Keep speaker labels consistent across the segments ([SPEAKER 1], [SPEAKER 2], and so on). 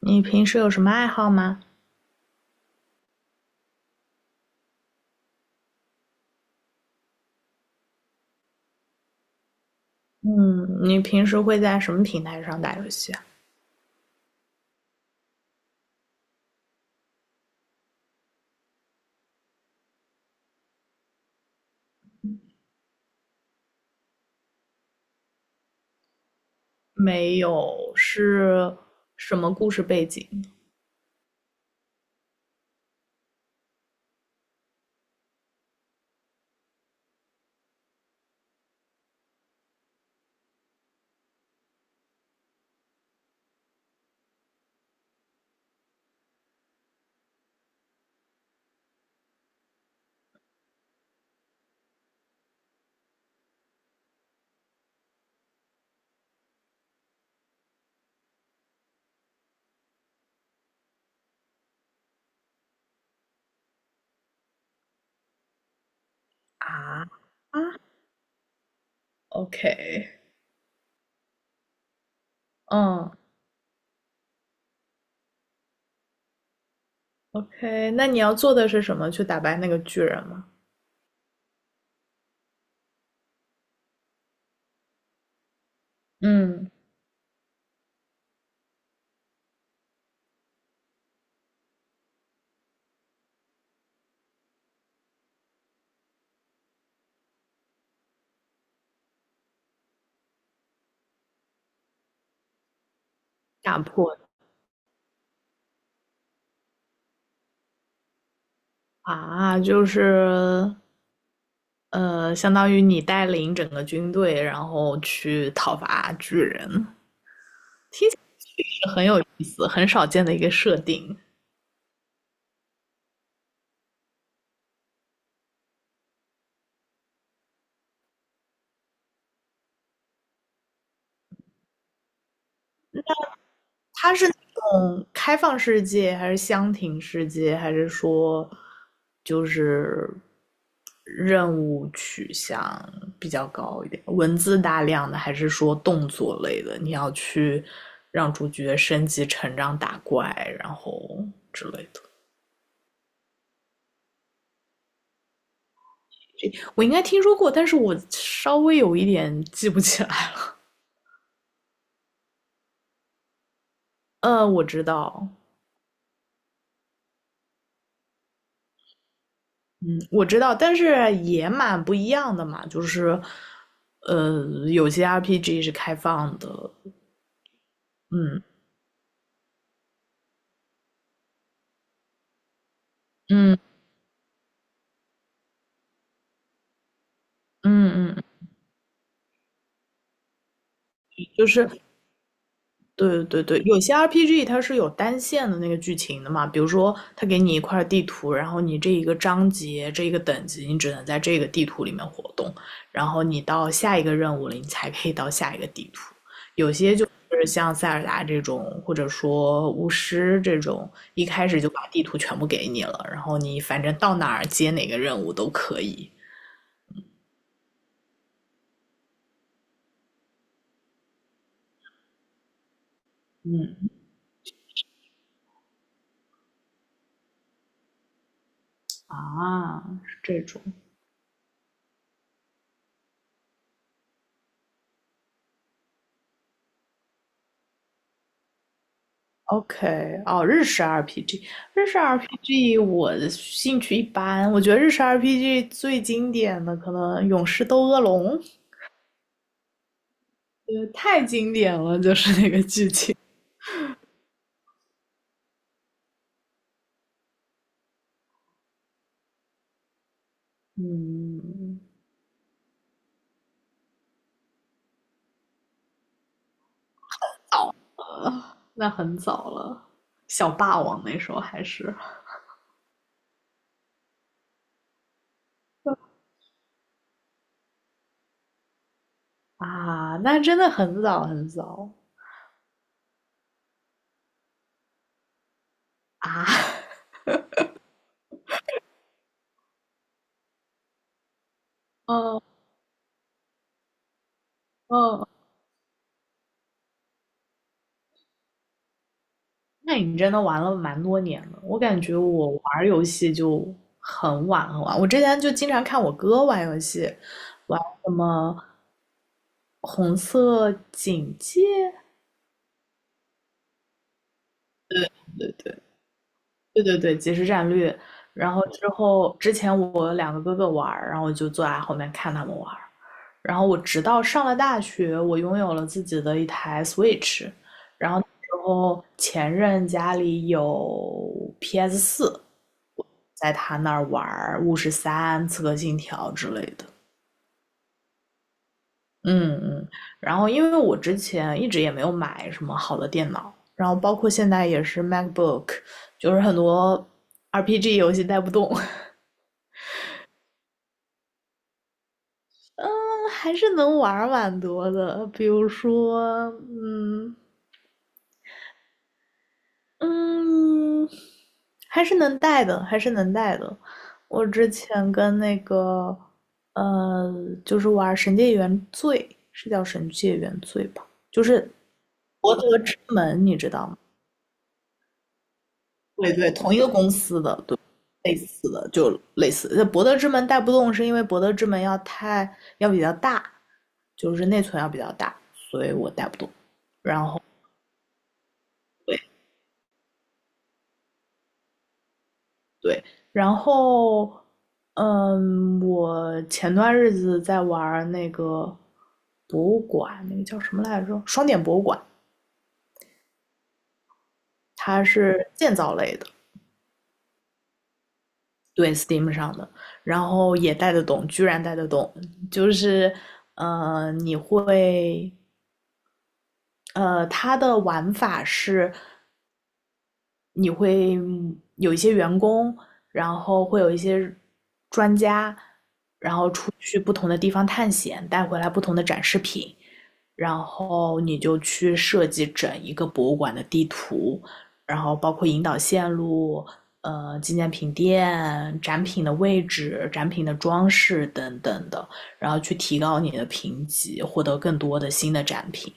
[SPEAKER 1] 你平时有什么爱好吗？嗯，你平时会在什么平台上打游戏啊？没有，是什么故事背景啊？啊，OK。嗯，OK，那你要做的是什么？去打败那个巨人吗？嗯，打破的啊，就是相当于你带领整个军队，然后去讨伐巨人，是很有意思、很少见的一个设定。嗯，开放世界还是箱庭世界，还是说就是任务取向比较高一点，文字大量的，还是说动作类的？你要去让主角升级、成长、打怪，然后之类的。我应该听说过，但是我稍微有一点记不起来。我知道。嗯，我知道，但是也蛮不一样的嘛，就是。有些 RPG 是开放的，嗯嗯嗯嗯，就是对对对，有些 RPG 它是有单线的那个剧情的嘛，比如说它给你一块地图，然后你这一个章节、这一个等级，你只能在这个地图里面活动，然后你到下一个任务了，你才可以到下一个地图。就是像塞尔达这种，或者说巫师这种，一开始就把地图全部给你了，然后你反正到哪儿接哪个任务都可以。嗯啊，是这种。OK，哦，日式 RPG，日式 RPG 我的兴趣一般，我觉得日式 RPG 最经典的可能《勇士斗恶龙》，太经典了，就是那个剧情。嗯，那很早了，小霸王那时候还是 啊，那真的很早很早啊，嗯嗯，那你真的玩了蛮多年了，我感觉我玩游戏就很晚很晚。我之前就经常看我哥玩游戏，玩什么《红色警戒》，对对对，即时战略。然后之后，之前我两个哥哥玩儿，然后我就坐在后面看他们玩儿。然后我直到上了大学，我拥有了自己的一台 Switch，然后那时候前任家里有 PS4，在他那儿玩儿《巫师三》《刺客信条》之类的。嗯嗯，然后因为我之前一直也没有买什么好的电脑，然后包括现在也是 MacBook，就是很多 RPG 游戏带不动。嗯，还是能玩蛮多的，比如说，嗯嗯，还是能带的，还是能带的。我之前跟那个呃，就是玩《神界原罪》，是叫《神界原罪》吧，就是博德之门，你知道吗？对对，同一个公司的，对，类似的就类似。那博德之门带不动，是因为博德之门要太要比较大，就是内存要比较大，所以我带不动。然后对对，然后嗯，我前段日子在玩那个博物馆，那个叫什么来着？双点博物馆，它是建造类的。对，Steam 上的，然后也带得动，居然带得动，就是你会。它的玩法是你会有一些员工，然后会有一些专家，然后出去不同的地方探险，带回来不同的展示品，然后你就去设计整一个博物馆的地图，然后包括引导线路、纪念品店、展品的位置、展品的装饰等等的，然后去提高你的评级，获得更多的新的展品。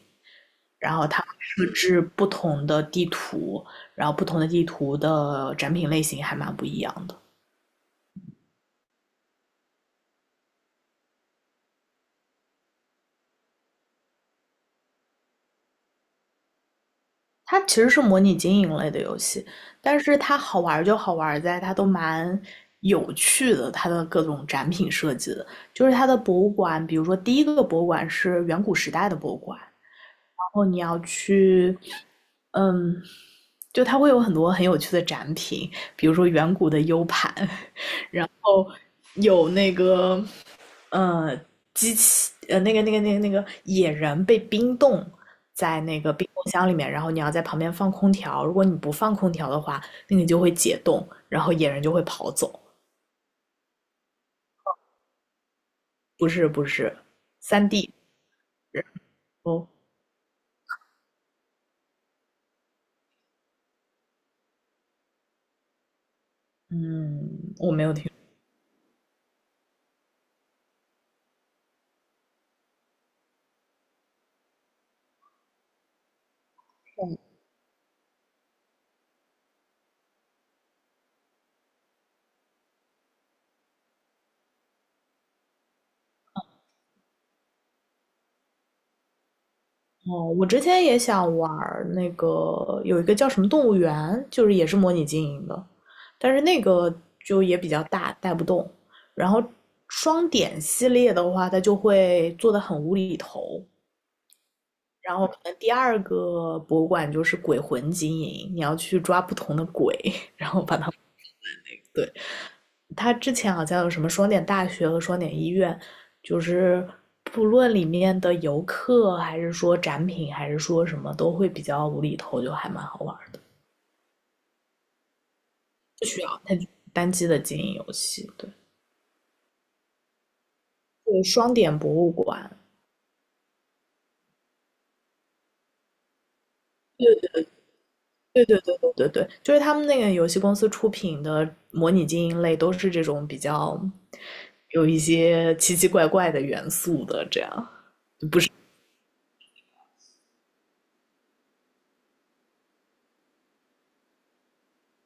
[SPEAKER 1] 然后它会设置不同的地图，然后不同的地图的展品类型还蛮不一样的。它其实是模拟经营类的游戏，但是它好玩就好玩在它都蛮有趣的，它的各种展品设计的，就是它的博物馆，比如说第一个博物馆是远古时代的博物馆，然后你要去，嗯，就它会有很多很有趣的展品，比如说远古的 U 盘，哦，有那个呃机器那个野人被冰冻在那个冰冻箱里面，然后你要在旁边放空调，如果你不放空调的话，那你就会解冻，然后野人就会跑走。不是不是，3D。 然后嗯，我没有听哦，我之前也想玩儿那个有一个叫什么动物园，就是也是模拟经营的，但是那个就也比较大，带不动。然后双点系列的话，它就会做的很无厘头。然后可能第二个博物馆就是鬼魂经营，你要去抓不同的鬼。对，它之前好像有什么双点大学和双点医院，就是不论里面的游客还是说展品还是说什么，都会比较无厘头，就还蛮好玩儿。不需要。它单机的经营游戏，对。对，双点博物馆。对对对对对对，就是他们那个游戏公司出品的模拟经营类都是这种比较有一些奇奇怪怪的元素的，这样。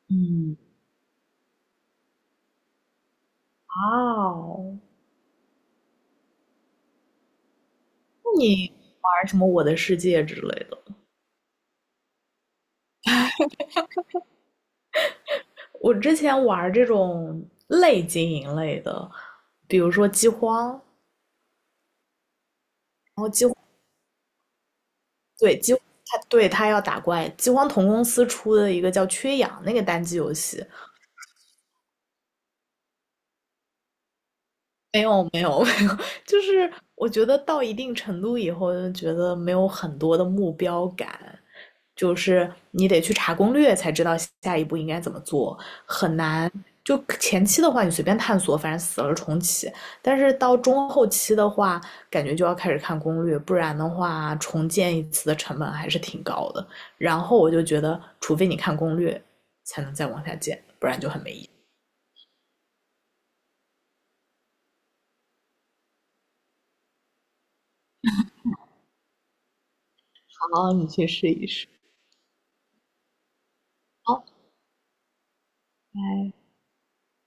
[SPEAKER 1] 嗯，哦，那你玩什么《我的世界》之类的？我之前玩这种类经营类的，比如说《饥荒》，然后《饥对，饥他对他要打怪，饥荒同公司出的一个叫《缺氧》那个单机游戏，没有没有 没有，就是我觉得到一定程度以后，就觉得没有很多的目标感，就是你得去查攻略才知道下一步应该怎么做，很难。就前期的话，你随便探索，反正死了重启。但是到中后期的话，感觉就要开始看攻略，不然的话，重建一次的成本还是挺高的。然后我就觉得，除非你看攻略，才能再往下建，不然就很没意思。好，你去试一试。好，拜。